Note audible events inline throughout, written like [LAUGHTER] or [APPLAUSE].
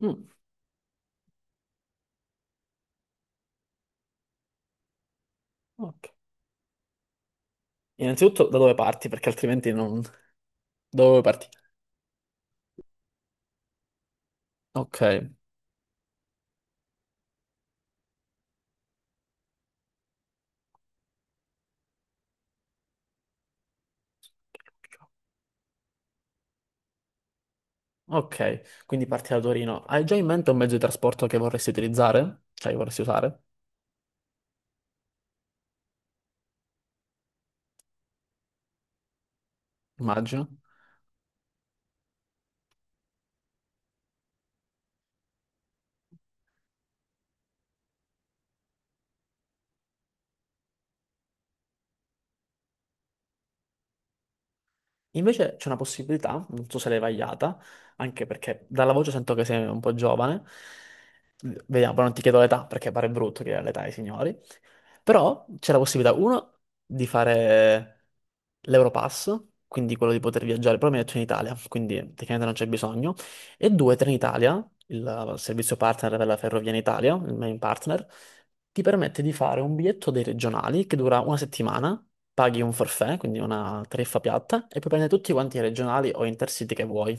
Mm, ok. Innanzitutto da dove parti, perché altrimenti non. Da dove parti? Ok, ok. Quindi parti da Torino. Hai già in mente un mezzo di trasporto che vorresti utilizzare? Cioè, che vorresti usare? Immagino. Invece c'è una possibilità, non so se l'hai vagliata, anche perché dalla voce sento che sei un po' giovane. Vediamo, poi non ti chiedo l'età perché pare brutto chiedere l'età ai signori. Però c'è la possibilità, uno, di fare l'Europass, quindi quello di poter viaggiare, però mi ha detto in Italia, quindi tecnicamente non c'è bisogno. E due, Trenitalia, il servizio partner della Ferrovia in Italia, il main partner, ti permette di fare un biglietto dei regionali che dura una settimana, paghi un forfait, quindi una tariffa piatta, e puoi prendere tutti quanti i regionali o intercity che vuoi.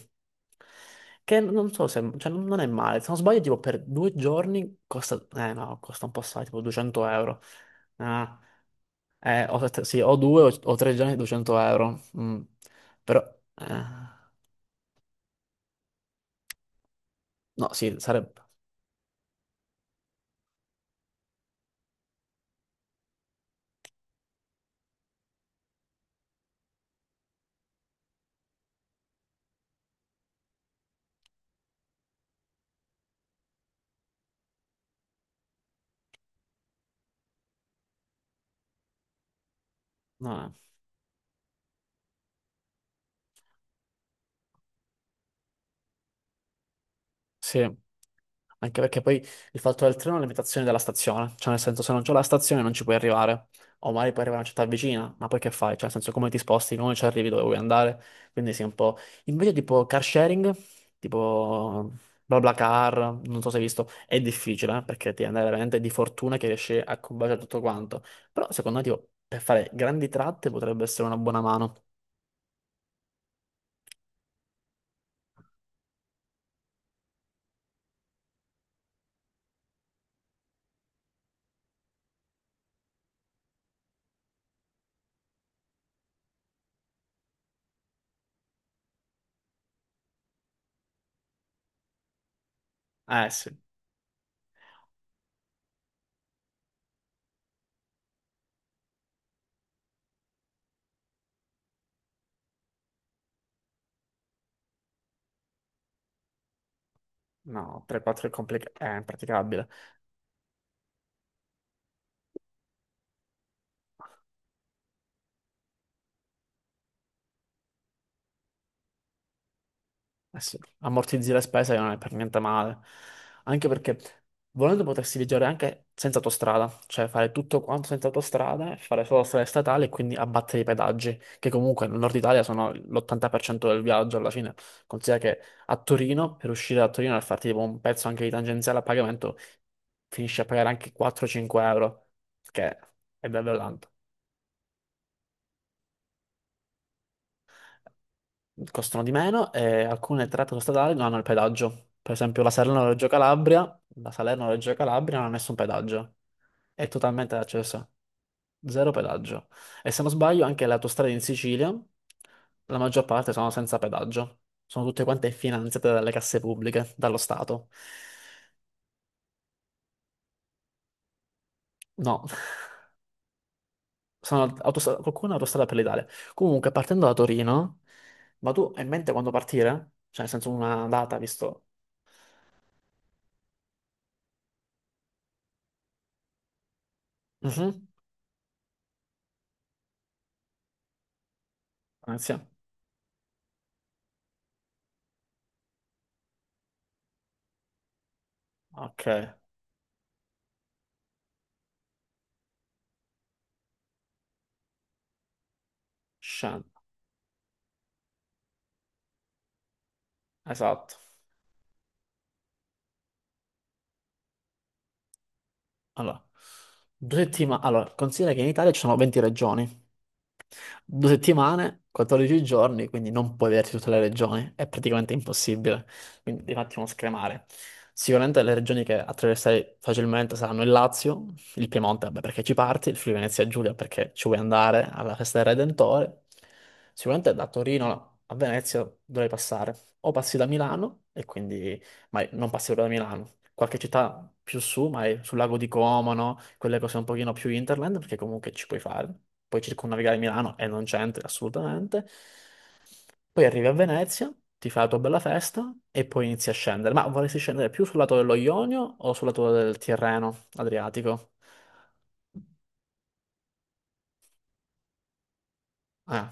Che non so se, cioè, non è male. Se non sbaglio, tipo per due giorni costa, eh no, costa un po' assai, tipo 200 euro. Ah, o, sì, o due o tre giorni 200 euro. Mm. Però, eh, no, sì, sarebbe, no, sì. Anche perché poi il fatto del treno è una limitazione della stazione, cioè nel senso se non c'è la stazione non ci puoi arrivare, o magari puoi arrivare a una città vicina, ma poi che fai? Cioè nel senso come ti sposti, come ci arrivi dove vuoi andare, quindi sì un po'. Invece tipo car sharing, tipo BlaBlaCar, non so se hai visto, è difficile perché ti andare veramente di fortuna che riesci a combaciare tutto quanto, però secondo me tipo, per fare grandi tratte potrebbe essere una buona mano. Eh sì, no, 3-4 è complicato, è impraticabile. Eh sì, ammortizzi le spese non è per niente male. Anche perché volendo potersi viaggiare anche senza autostrada, cioè fare tutto quanto senza autostrade, fare solo strade statali e quindi abbattere i pedaggi, che comunque nel nord Italia sono l'80% del viaggio alla fine. Considera che a Torino, per uscire da Torino e farti tipo un pezzo anche di tangenziale a pagamento, finisci a pagare anche 4-5 euro, che è davvero tanto. Costano di meno e alcune tratte stradali non hanno il pedaggio. Per esempio la Salerno-Reggio Calabria non ha nessun pedaggio, è totalmente accesa, zero pedaggio. E se non sbaglio anche le autostrade in Sicilia, la maggior parte sono senza pedaggio, sono tutte quante finanziate dalle casse pubbliche, dallo Stato. No, [LAUGHS] sono autostrada, qualcuna autostrada per l'Italia. Comunque, partendo da Torino, ma tu hai in mente quando partire? Cioè, nel senso una data, visto. Mhm. Venezia. Ok, Shen, esatto. Allora, due settimane. Allora, considera che in Italia ci sono 20 regioni. Due settimane, 14 giorni, quindi non puoi vederti tutte le regioni, è praticamente impossibile, quindi devi un attimo scremare. Sicuramente le regioni che attraverserai facilmente saranno il Lazio, il Piemonte, vabbè, perché ci parti, il Friuli Venezia Giulia perché ci vuoi andare alla festa del Redentore. Sicuramente da Torino a Venezia dovrai passare, o passi da Milano e quindi, ma non passi proprio da Milano, qualche città più su, ma è sul lago di Como, no? Quelle cose un pochino più hinterland, perché comunque ci puoi fare. Puoi circumnavigare Milano e non c'entri assolutamente. Poi arrivi a Venezia, ti fai la tua bella festa e poi inizi a scendere. Ma vorresti scendere più sul lato dello Ionio o sul lato del Tirreno Adriatico? Eh,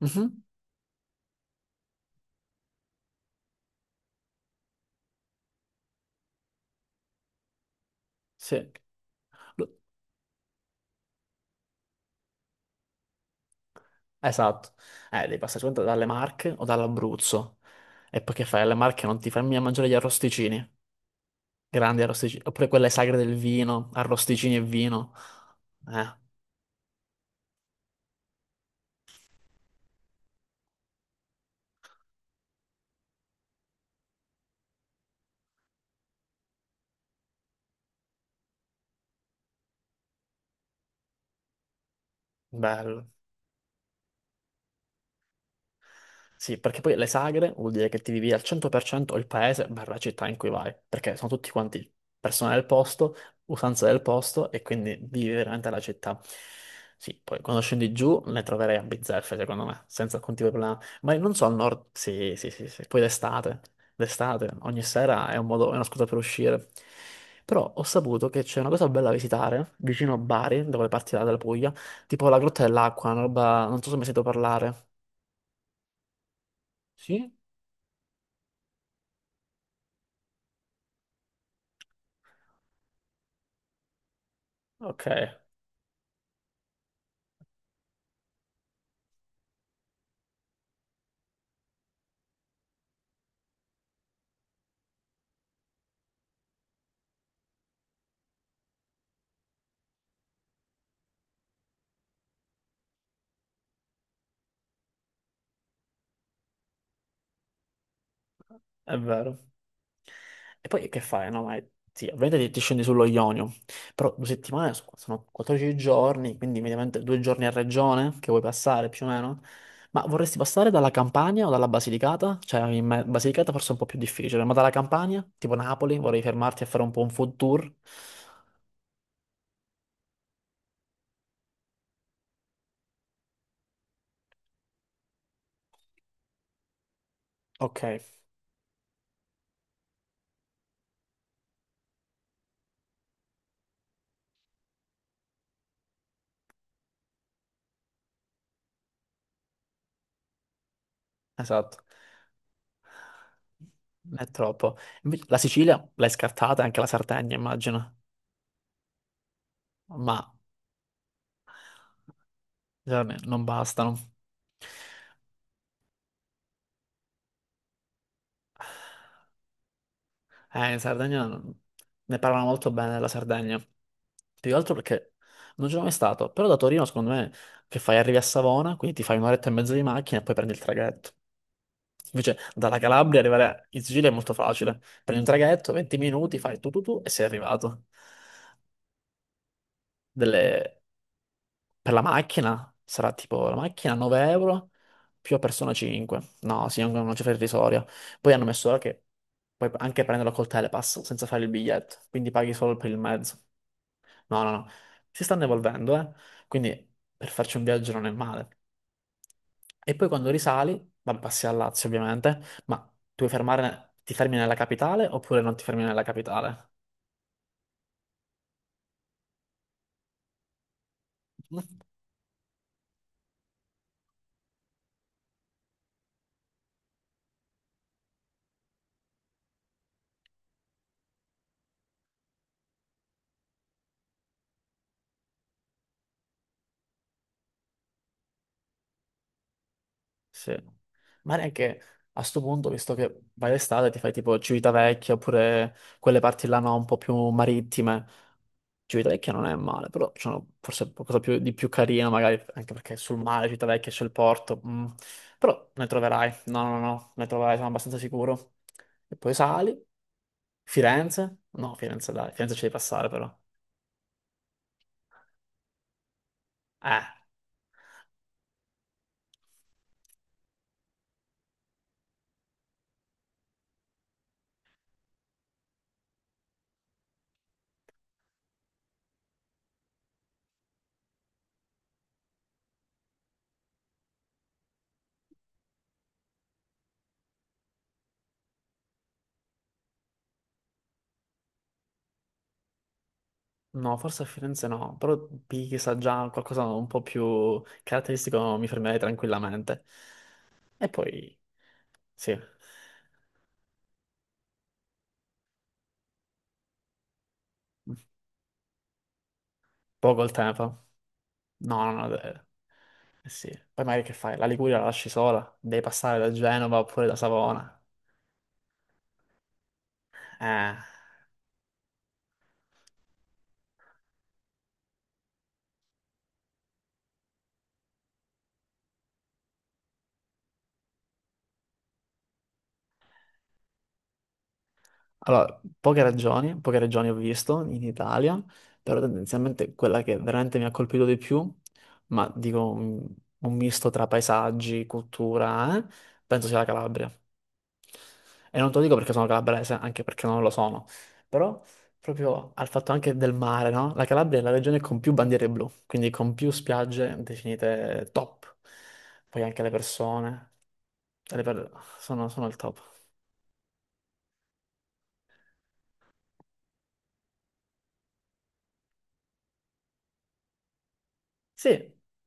mhm, sì, Lo- esatto. Devi passare solamente dalle Marche o dall'Abruzzo. E poi che fai? Alle Marche non ti fermi a mangiare gli arrosticini. Grandi arrosticini. Oppure quelle sagre del vino, arrosticini e vino. Eh, bello. Sì, perché poi le sagre vuol dire che ti vivi al 100% il paese barra città in cui vai, perché sono tutti quanti persone del posto, usanze del posto e quindi vivi veramente la città. Sì, poi quando scendi giù ne troverei a bizzeffe, secondo me, senza alcun tipo di problema. Ma non so, al nord, sì, sì, sì, sì. Poi d'estate, d'estate, ogni sera è un modo, è una scusa per uscire. Però ho saputo che c'è una cosa bella da visitare, vicino a Bari, dove partirà dalla Puglia, tipo la Grotta dell'Acqua, una roba, non so se mi hai sentito parlare. Sì? Ok, è vero. E poi che fai? No, ma sì, ovviamente ti scendi sullo Ionio, però due settimane sono 14 giorni, quindi mediamente due giorni a regione che vuoi passare più o meno. Ma vorresti passare dalla Campania o dalla Basilicata? Cioè, Basilicata forse è un po' più difficile, ma dalla Campania, tipo Napoli, vorrei fermarti a fare un po' un food tour. Ok, esatto, è troppo. Invece la Sicilia l'hai scartata, anche la Sardegna immagino, ma secondo me non bastano. In Sardegna ne parlano molto bene della Sardegna. Più che altro perché non ci sono mai stato. Però da Torino, secondo me, che fai? Arrivi a Savona, quindi ti fai un'oretta e mezza di macchina e poi prendi il traghetto. Invece, dalla Calabria arrivare in Sicilia è molto facile. Prendi un traghetto, 20 minuti, fai tu tu tu e sei arrivato. Delle, per la macchina sarà tipo la macchina 9 € più a persona 5. No, sì, è una cifra irrisoria. Poi hanno messo ora che puoi anche prenderlo col Telepass senza fare il biglietto, quindi paghi solo per il mezzo. No, no, no. Si stanno evolvendo, eh. Quindi per farci un viaggio non è male. E poi quando risali, vabbè, passi a Lazio ovviamente, ma tu vuoi fermare, ti fermi nella capitale oppure non ti fermi nella capitale? Sì. Magari anche a sto punto, visto che vai d'estate, ti fai tipo Civitavecchia oppure quelle parti là no, un po' più marittime. Civitavecchia non è male, però c'è forse qualcosa di più carino, magari anche perché sul mare Civitavecchia c'è il porto. Mm. Però ne troverai, no, no, no, ne troverai, sono abbastanza sicuro. E poi sali, Firenze? No, Firenze dai, Firenze ci devi passare però. Eh. No, forse a Firenze no, però Pisa già qualcosa un po' più caratteristico mi fermerei tranquillamente. E poi, sì, poco il tempo. No, no, no, eh sì. Poi magari che fai? La Liguria la lasci sola, devi passare da Genova oppure da Savona. Eh. Allora, poche ragioni ho visto in Italia, però tendenzialmente quella che veramente mi ha colpito di più, ma dico un misto tra paesaggi, cultura, penso sia la Calabria. E non te lo dico perché sono calabrese, anche perché non lo sono, però proprio al fatto anche del mare, no? La Calabria è la regione con più bandiere blu, quindi con più spiagge definite top. Poi anche le persone, le per- sono il top. Sì,